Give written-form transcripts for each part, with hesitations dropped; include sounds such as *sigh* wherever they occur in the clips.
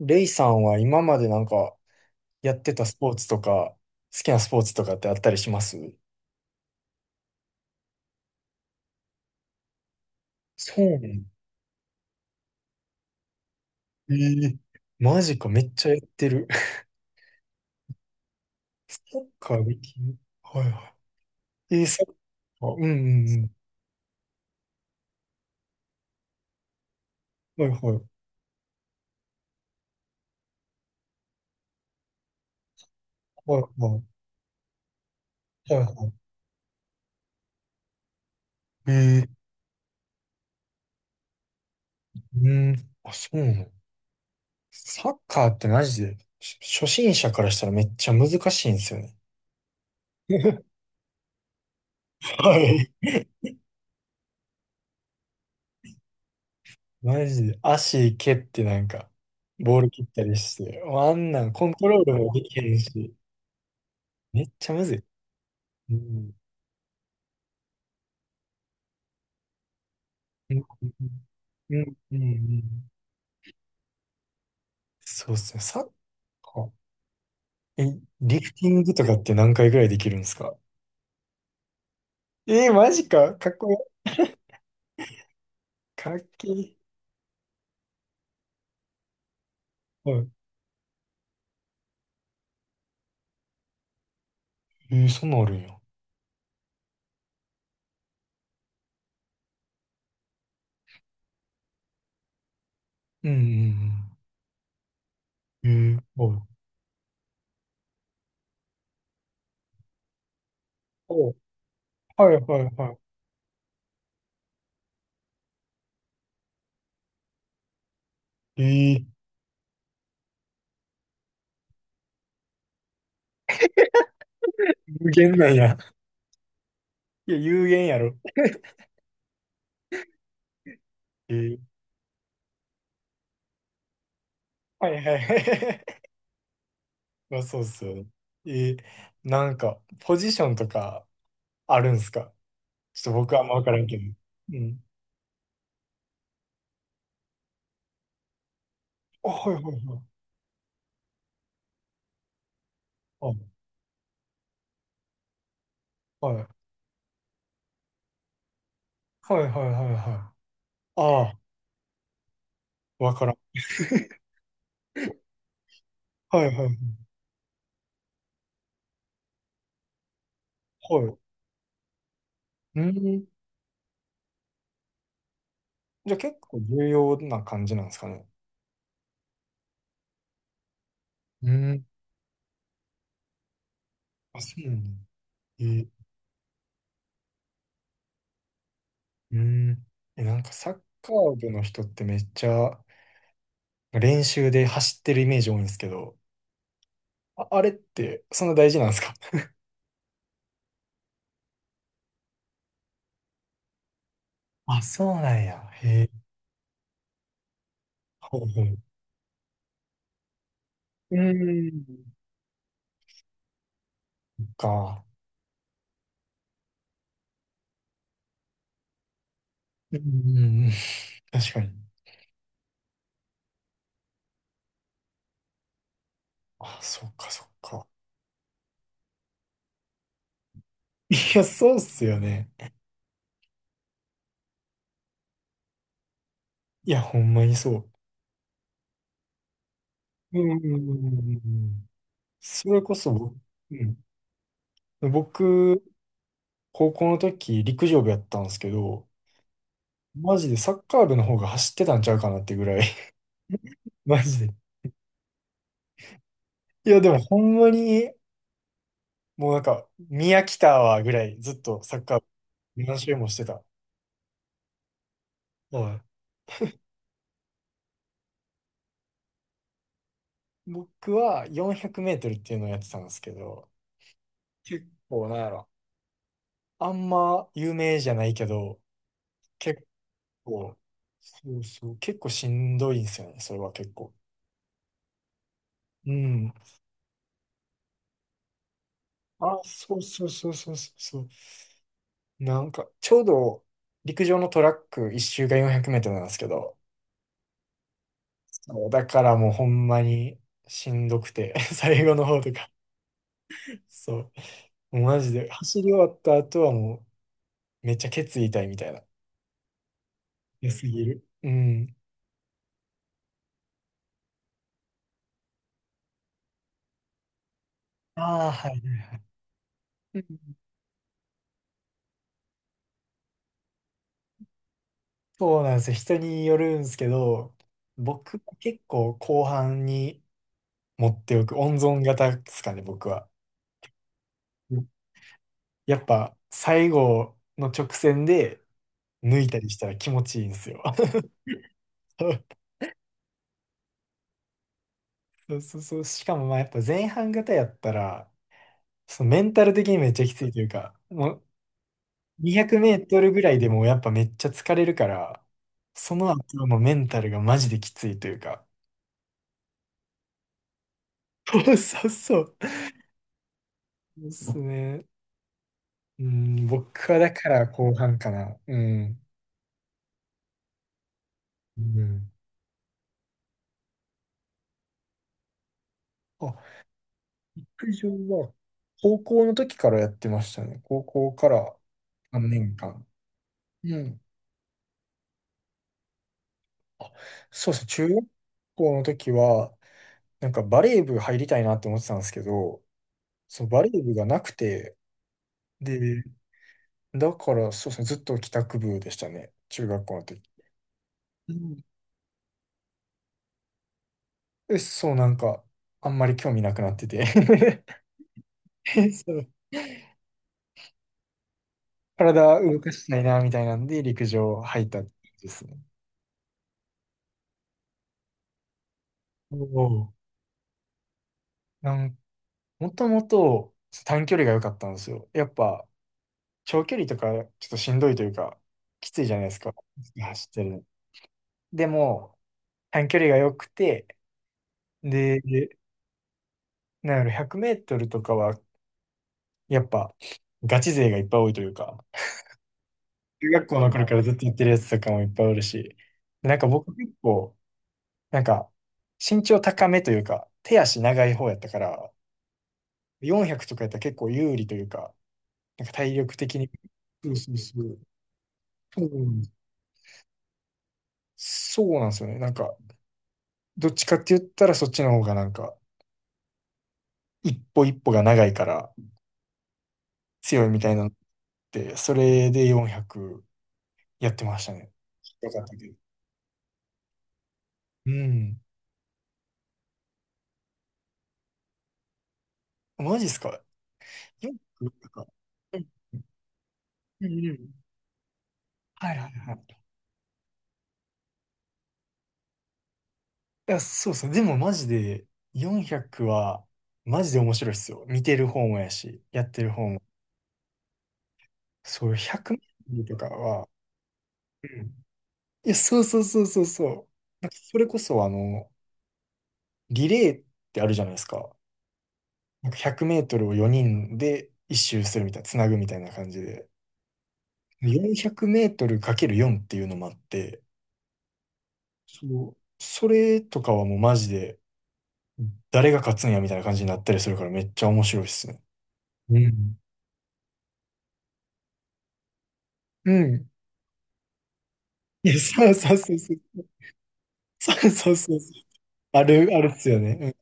レイさんは今までなんかやってたスポーツとか、好きなスポーツとかってあったりします？そうね。えー、マジか、めっちゃやってる。*laughs* サッカーできる？はいはい。サッカー、うんうんうん。はいはい。はいはい。はいはい。うん。あ、そうなの。サッカーってマジで、初心者からしたらめっちゃ難しいんですよね。*laughs* はい。マジで足蹴ってなんか、ボール切ったりして、もうあんなんコントロールもできへんし、めっちゃむずい。うん。うん。うん。うん。うん、そうっすね。サッカー。え、リフティングとかって何回ぐらいできるんですか？マジか。かっこいい。かっけえ。はい。そんなんあるんや。うんうんうん。はい。おはいはいはい。有限なんや。いや、有限やろ。えー、はいはい。まあ、そうっすよね。えーなんか、ポジションとかあるんすか？ちょっと僕はあんまわからんけど。うん。あ、はいはいはい。あ、はい。はいはいはいはい。ああ、わからん。はいはいはい。はい。うん。じゃあ結構重要な感じなんですかね？うん。あ、そうなんだ。えー、うん。え、なんかサッカー部の人ってめっちゃ練習で走ってるイメージ多いんですけど、あ、あれってそんな大事なんですか？ *laughs* あ、そうなんや。へえ。うーん。か。うーん。確かに。あ、そっかそっか。いや、そうっすよね。いや、ほんまにそう。うんうんうんうん。それこそ僕、うん。僕、高校の時、陸上部やったんですけど、マジでサッカー部の方が走ってたんちゃうかなってぐらい。*laughs* マジで。いや、でもほんまに、もうなんか、宮来たわぐらい、ずっとサッカー部何周もしてた。はい。僕は400メートルっていうのをやってたんですけど、結構、なんやろ。あんま有名じゃないけど、結構、そうそう、結構しんどいんですよね、それは結構。うん。あ、そうそうそうそうそうそう。なんか、ちょうど陸上のトラック一周が400メートルなんですけど、そう、だからもうほんまにしんどくて、*laughs* 最後の方とか、そう、もうマジで走り終わった後はもうめっちゃケツ痛いみたいな。良すぎる。うん。ああ、はい。そうなんですよ。人によるんですけど、僕は結構後半に持っておく、温存型ですかね、僕は。うん、やっぱ最後の直線で抜いたりしたら気持ちいいんですよ。*laughs* そうそうそう。しかもまあやっぱ前半型やったら、そのメンタル的にめっちゃきついというか、もう200メートルぐらいでもうやっぱめっちゃ疲れるから、その後のメンタルがマジできついというか。*laughs* そうそうそう。ですね。うん、僕はだから後半かな。うん。うん。あ、陸上は高校の時からやってましたね。高校から3年間。うん。あ、そうですね。中学校の時は、なんかバレー部入りたいなって思ってたんですけど、そのバレー部がなくて、で、だからそうですね。ずっと帰宅部でしたね。中学校の時。うん。で、そう、なんか、あんまり興味なくなってて。 *laughs* そう、体動かしたいな、みたいなんで、陸上入ったって感じですね。おーなん、もともと短距離が良かったんですよ。やっぱ、長距離とかちょっとしんどいというか、きついじゃないですか。走ってるの。でも、短距離が良くて、で、なんやろ、100メートルとかは、やっぱ、ガチ勢がいっぱい多いというか、中学校の頃からずっとやってるやつとかもいっぱいおるし、でなんか僕結構、なんか、身長高めというか、手足長い方やったから、400とかやったら結構有利というか、なんか体力的に。そうそうそう。そうなんでそうなんですよね。なんか、どっちかって言ったらそっちの方がなんか、一歩一歩が長いから強いみたいなのって、それで400やってましたね。よかったけど。うん。マジっすか ?400 とか。うんうんうんはいはいはい。いや、そうそう。でもマジで400は、マジで面白いっすよ。見てる方もやし、やってる方も。そう、100メートルとかは、うん、いや、そうそうそうそうそう。なんかそれこそ、あの、リレーってあるじゃないですか。なんか100メートルを4人で一周するみたいな、つなぐみたいな感じで。400メートルかける4っていうのもあって、そう、それとかはもうマジで、誰が勝つんやみたいな感じになったりするからめっちゃ面白いっすね。うん。うん。いや、そうそうそうそう。そうそうそうそう。ある、あるっすよね。うん、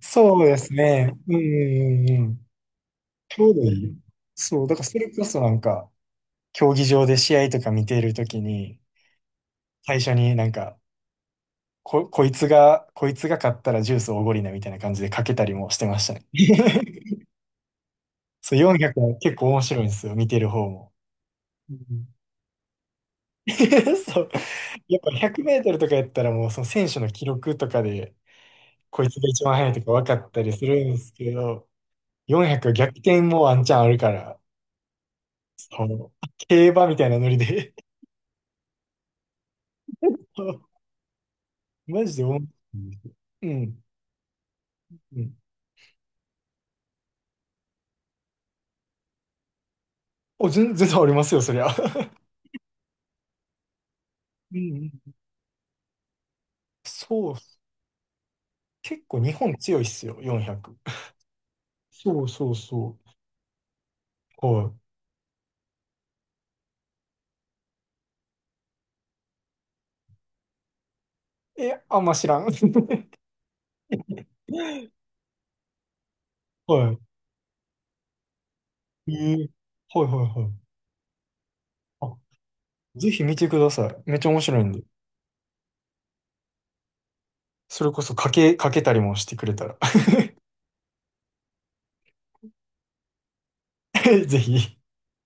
そうですね。うんうんうんうん。ちょうどいい。そう、だからそれこそなんか、競技場で試合とか見ているときに、最初になんか、こいつが勝ったらジュースおごりなみたいな感じでかけたりもしてましたね。*laughs* そう、400は結構面白いんですよ、見てる方も。うん。 *laughs* そう。やっぱ100メートルとかやったらもうその選手の記録とかで、こいつが一番速いとか分かったりするんですけど、400は逆転もワンチャンあるから、そう、競馬みたいなノリで。 *laughs* マジで思うんですよ。うん。うん。お、全然ありますよ、そりゃ。*laughs* うんうん。そうっす。結構日本強いっすよ、400。そうそうそう。はい。え、あんま知らん。*laughs* はい。はいはいはい。あ、ぜひ見てください。めっちゃ面白いんで。それこそかけたりもしてくれたら。*laughs* ぜひ。